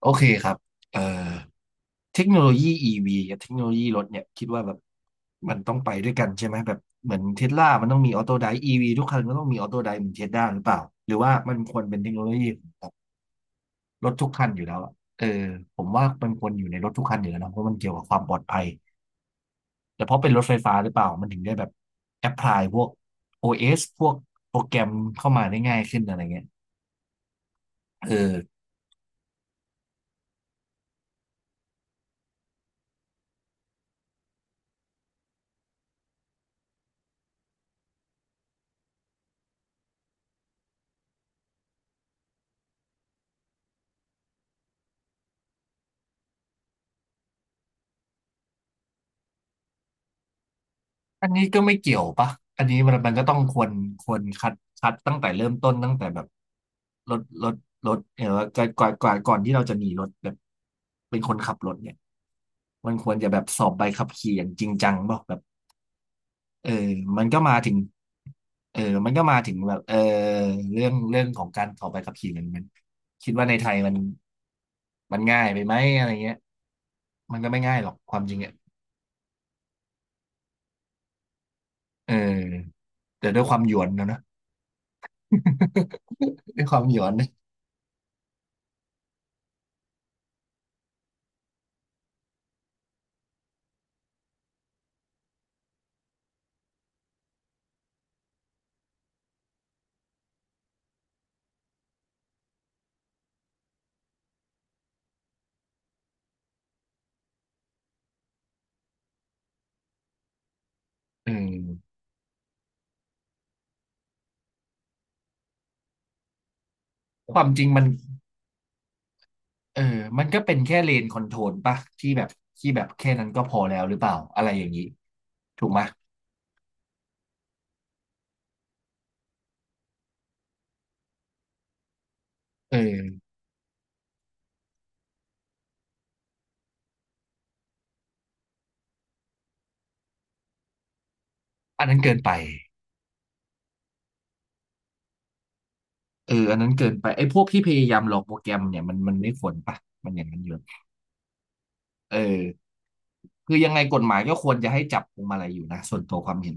โอเคครับเอ่อเทคโนโลยีอีวีกับเทคโนโลยีรถเนี่ยคิดว่าแบบมันต้องไปด้วยกันใช่ไหมแบบเหมือนเทสลามันต้องมีออโต้ได EV ทุกคันก็ต้องมีออโต้ไดเหมือนเทสลาหรือเปล่าหรือว่ามันควรเป็นเทคโนโลยีของรถทุกคันอยู่แล้วอะเออผมว่ามันควรอยู่ในรถทุกคันอยู่แล้วนะเพราะมันเกี่ยวกับความปลอดภัยแต่เพราะเป็นรถไฟฟ้าหรือเปล่ามันถึงได้แบบแอพพลายพวกโอ s พวกโปรแกรมเข้ามาได้ง่ายขึ้นอะไรเงี้ยเออ อันนี้ก็ไม่เกี่ยวปะอันนี้มันก็ต้องควรควรคัดคัดตั้งแต่เริ่มต้นตั้งแต่แบบรถรถรถเออก่อนที่เราจะมีรถแบบเป็นคนขับรถเนี่ยมันควรจะแบบสอบใบขับขี่อย่างจริงจังป่ะแบบเออมันก็มาถึงเออมันก็มาถึงแบบเออเรื่องของการสอบใบขับขี่มันคิดว่าในไทยมันง่ายไปไหมอะไรเงี้ยมันก็ไม่ง่ายหรอกความจริงอ่ะเออแต่ด้วยความหยวนนะ ด้วยความหย้อนนะเออความจริงมันเออมันก็เป็นแค่เลนคอนโทรลปะที่แบบที่แบบแค่นั้นก็พอแล้วหรือเปล่าอะไรอย่างนี้ถูกไหมเอออันนั้นเกินไปอันนั้นเกินไปไอ้พวกที่พยายามหลอกโปรแกรมเนี่ยมันไม่ควรปะมันอย่างนั้นอยู่เออคือยังไงกฎหมายก็ควรจะให้จับพวงมาลัยอยู่นะส่วนตัวความเห็น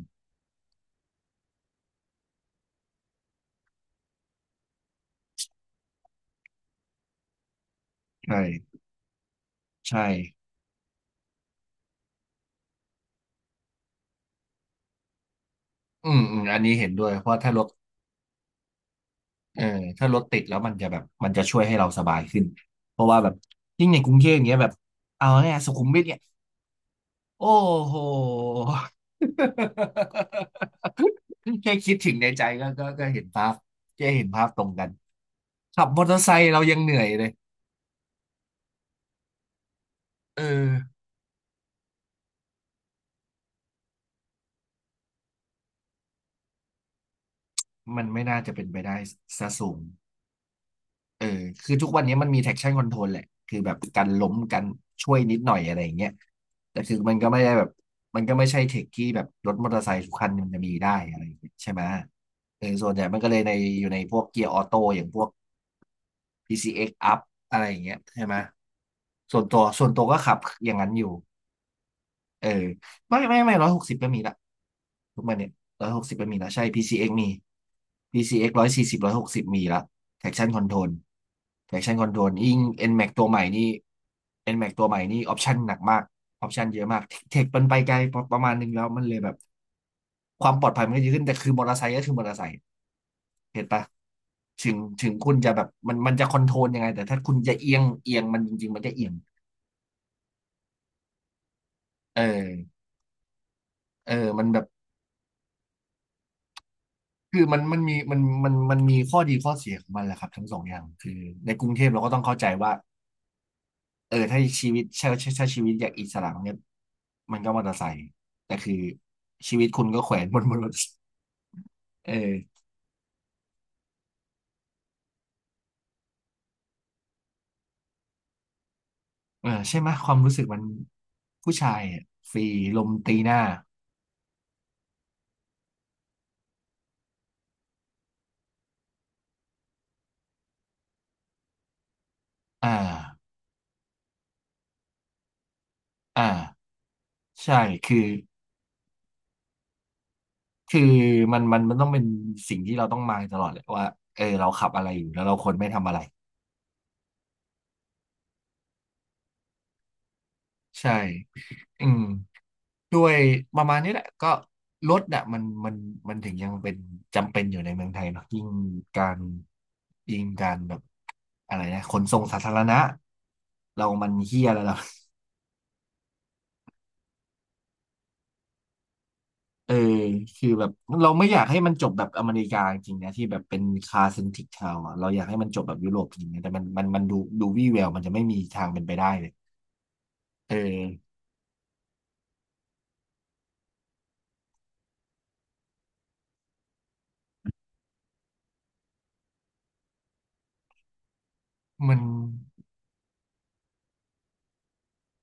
ใช่ใช่อืมอืมอันนี้เห็นด้วยเพราะถ้าลด เออถ้ารถติดแล้วมันจะแบบมันจะช่วยให้เราสบายขึ้นเพราะว่าแบบยิ่งในกรุงเทพอย่างเงี้ยแบบเอาเนี่ยสุขุมวิทเนี่ยโอ้โห แค่คิดถึงในใจก็เห็นภาพแค่เห็นภาพตรงกันขับมอเตอร์ไซค์เรายังเหนื่อยเลยเออมันไม่น่าจะเป็นไปได้ซะสูง เออคือทุกวันนี้มันมี traction control แหละคือแบบกันล้มกันช่วยนิดหน่อยอะไรอย่างเงี้ยแต่คือมันก็ไม่ได้แบบมันก็ไม่ใช่เทคที่แบบรถมอเตอร์ไซค์ทุกคันมันจะมีได้อะไรอย่างเงี้ยใช่ไหมเออส่วนใหญ่มันก็เลยในอยู่ในพวกเกียร์ออโต้อย่างพวก PCX Up อะไรอย่างเงี้ยใช่ไหมส่วนตัวก็ขับอย่างนั้นอยู่ เออไม่ร้อยหกสิบก็มีละทุกมันเนี่ยร้อยหกสิบก็มีละใช่ PCX มี PCX 140160มีละ Traction Control Traction Control ยิ่ง NMAX ตัวใหม่นี่ NMAX ตัวใหม่นี่ Option หนักมาก Option เยอะมากเทคมันไปไกลประมาณนึงแล้วมันเลยแบบความปลอดภัยมันก็เยอะขึ้นแต่คือมอเตอร์ไซค์ก็คือมอเตอร์ไซค์เห็นปะถึงคุณจะแบบมันจะคอนโทรลยังไงแต่ถ้าคุณจะเอียงเอียงมันจริงๆมันก็เอียงเออเออมันแบบ คือมันมีข้อดีข้อเสียของมันแหละครับทั้งสองอย่างในกรุงเทพเราก็ต้องเข้าใจว่าเออถ้าชีวิตใช่ใช่ใช่ชีวิตอยากอิสระเนี่ยมันก็มอเตอร์ไซค์แต่คือชีวิตคุณก็แขวนบนรถ เออเออใช่ไหมความรู้สึกมันผู้ชายอะฟรีลมตีหน้าอ่าอ่าใช่คือคือมันต้องเป็นสิ่งที่เราต้องมายตลอดแหละว่าเออเราขับอะไรอยู่แล้วเราควรไม่ทำอะไรใช่อืม ด้วยประมาณนี้แหละก็รถน่ะมันถึงยังเป็นจำเป็นอยู่ในเมืองไทยเนาะยิ่งการยิ่งการแบบอะไรนะขนส่งสาธารณะเรามันเฮี้ยแล้วเราเออคือแบบเราไม่อยากให้มันจบแบบอเมริกาจริงๆนะที่แบบเป็นคาร์เซนทริกทาวอะเราอยากให้มันจบแบบยุโรปจริงๆนะแต่มันดูวี่แววมันจะไม่มีทางเป็นไปได้เลยเออมัน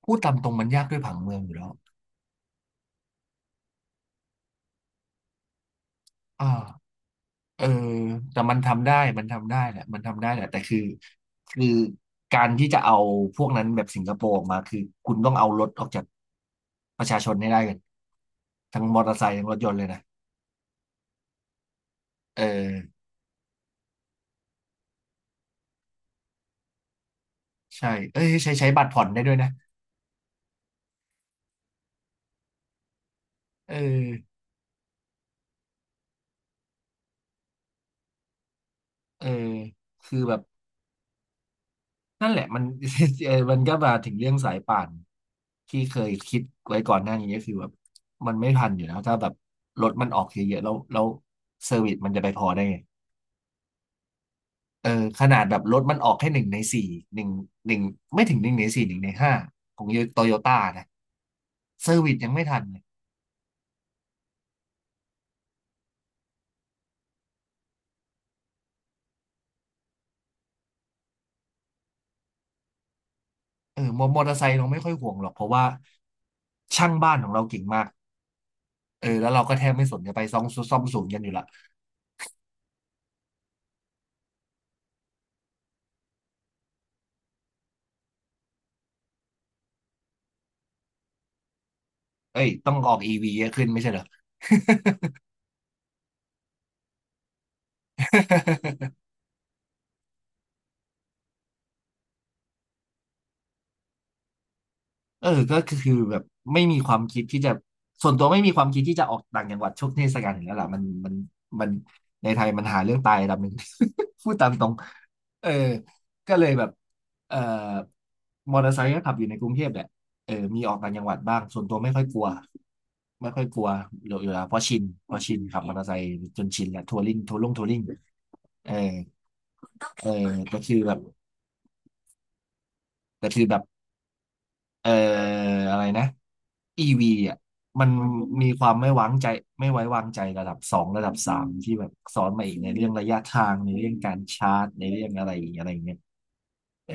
พูดตามตรงมันยากด้วยผังเมืองอยู่แล้วอ่า เออแต่มันทำได้มันทำได้แหละมันทำได้แหละแต่คือการที่จะเอาพวกนั้นแบบสิงคโปร์ออกมาคือคุณต้องเอารถออกจากประชาชนให้ได้กันทั้งมอเตอร์ไซค์ทั้งรถยนต์เลยนะเออใช่เอ้ยใช้บัตรผ่อนได้ด้วยนะเออเออคือแบบนั่นแหละมัน เออมันก็มาถึงเรื่องสายป่านที่เคยคิดไว้ก่อนหน้านี้ก็คือแบบมันไม่ทันอยู่แล้วถ้าแบบรถมันออกเยอะๆแล้วเซอร์วิสมันจะไปพอได้ไง เออขนาดแบบรถมันออกแค่หนึ่งในสี่หนึ่งหนึ่งไม่ถึงหนึ่งในสี่หนึ่งในห้าของโตโยต้านะเซอร์วิสยังไม่ทันเลยเออมอเตอร์ไซค์เราไม่ค่อยห่วงหรอกเพราะว่าช่างบ้านของเราเก่งมากเออแล้วเราก็แทบไม่สนจะไปซ่อมซ่อมศูนย์กันอยู่ละเอ้ยต้องออกอีวีขึ้นไม่ใช่เหรอ เออก็คือแบบไม่มีความคิดที่จะส่วนตัวไม่มีความคิดที่จะออกต่างจังหวัดช่วงเทศกาลอยู่แล้วล่ะมันในไทยมันหาเรื่องตายระดับหนึ่ง พูดตามตรงเออก็เลยแบบเอ่อมอเตอร์ไซค์ก็ขับอยู่ในกรุงเทพแหละเออมีออกต่างจังหวัดบ้างส่วนตัวไม่ค่อยกลัวอยู่แล้วเพราะชินขับมอเตอร์ไซค์จนชินแหละทัวริงเออเออแต่คือแบบแต่คือแบบ เอ่ออะไรนะ EV อ่ะมันมีความไม่ไว้วางใจระดับสองระดับสามที่แบบซ้อนมาอีกในเรื่องระยะทางในเรื่องการชาร์จในเรื่องอะไรอะไรเงี้ยเออ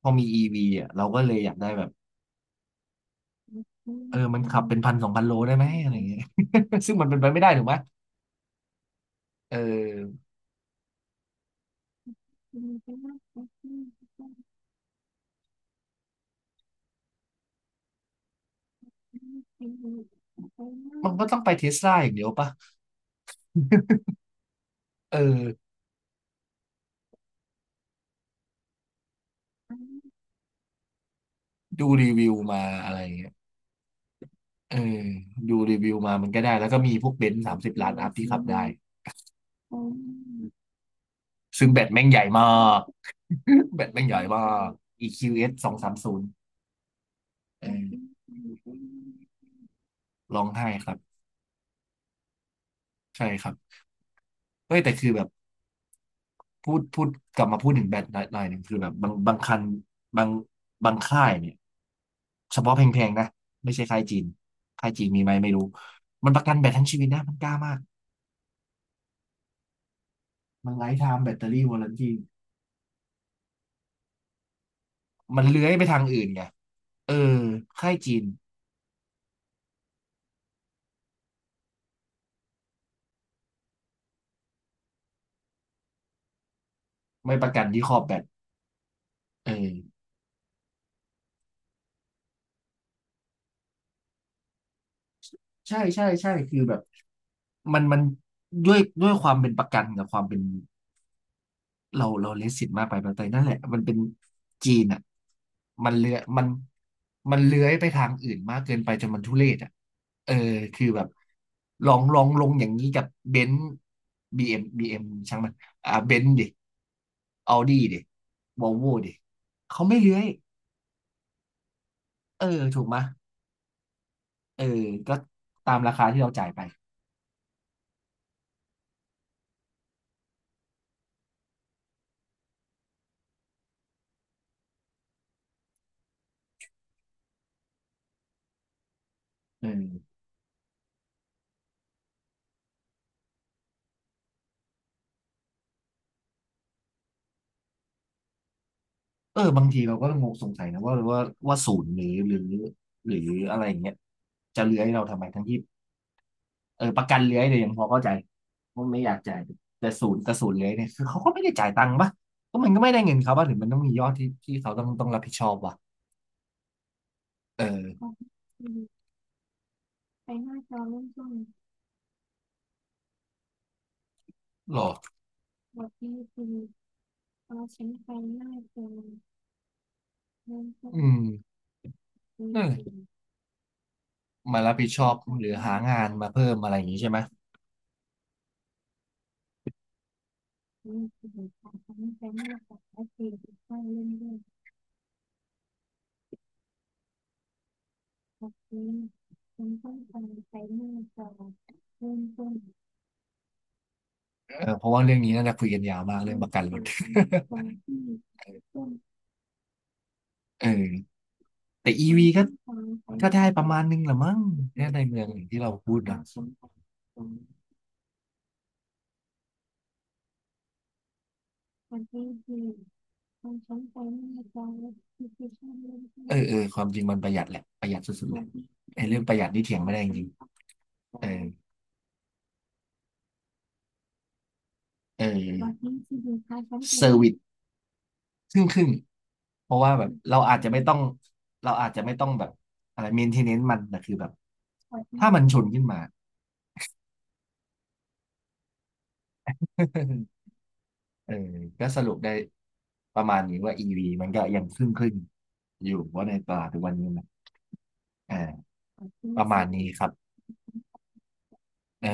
พอมี EV อ่ะเราก็เลยอยากได้แบบเออมันขับเป็นพันสองพันโลได้ไหมอะไรเงี้ย ซึ่งมันเป็นไปไม่ได้ถูกไหมเออมันก็ต้องไปเทสลาอย่างเดียวปะเออดูรีวิวมาอะไรเงี้ยเออดูรีวิวมามันก็ได้แล้วก็มีพวกเบนซ์30 ล้านอัพที่ขับได้ซึ่งแบตแม่งใหญ่มาก แบตแม่งใหญ่มาก EQS สสองสามศูนย์เออร้องไห้ครับใช่ครับเฮ้ยแต่คือแบบพูดกลับมาพูดถึงแบตหน่อยหนึ่งคือแบบบางคันบางบางค่ายเนี่ยเฉพาะแพงๆนะไม่ใช่ค่ายจีนค่ายจีนมีไหมไม่รู้มันประกันแบตทั้งชีวิตนะมันกล้ามากมันไลฟ์ไทม์แบตเตอรี่ว a รันตีมันเลื้อยไปทางอื่นไงเออค่ายจีนไม่ประกันที่ครอบแบตเออใช่คือแบบมันด้วยความเป็นประกันกับความเป็น เราเลสิตมากไปบางทีนั่นแหละมันเป็นจีนอ่ะมันเลื้อยมันเลื้อยไปทางอื่นมากเกินไปจนมันทุเรศอ่ะเออคือแบบลองลงอย่างนี้กับเบนซ์บีเอ็มช่างมันอ่าเบนซ์ดิออดี้ดิวอลโวดิเขาไม่เลื้อยเออถูกไหมยเออก็ตามราคาที่เราจ่ายไปเออเออบางทีเราก็งงสงสัยนะว่าศูนย์หรืออะไรอย่างเงี้ยจะเลื้อยเราทำไมทั้งที่ เออประกันเลื้อยเนี่ยยังพอเข้าใจว่าไม่อยากจ่ายแต่ศูนย์เลื้อยเนี่ยคือเขาก็ไม่ได้จ่ายตังค์ปะก็มันก็ไม่ได้เงินเขาป่ะหรือมันต้องมียอดที่เขาต้องรับผิดชอบวะเออหรออืมนั่นแหละมารับผิดชอบหรือหางานมาเพิ่มอะไรอย่างงี้ใช่ไหมเออเพราะว่าเรื่องนี้น่าจะคุยกันยาวมากเรื่องประกันรถ เออแต่อีวีก็ก็ได้ประมาณนึงละมั้งแค่ยในเมืองอย่างที่เราพูดนะเออความจริงมันประหยัดแหละประหยัดสุดๆเลยไอ้เรื่องประหยัดนี่เถียงไม่ได้จริง เออเออเซอร์ r i วิสครึ่งครึ่งเพราะว่าแบบเราอาจจะไม่ต้องเราอาจจะไม่ต้องแบบอะไรเมนเทนเนนมันแต่คือแบบถ้ามันชนขึ้นมา เออก็สรุปได้ประมาณนี้ว่า EV มันก็ยังครึ่งครึ่งอยู่ว่าในตลาดทุกวันนี้นะอ่าประมาณนี้ครับเออ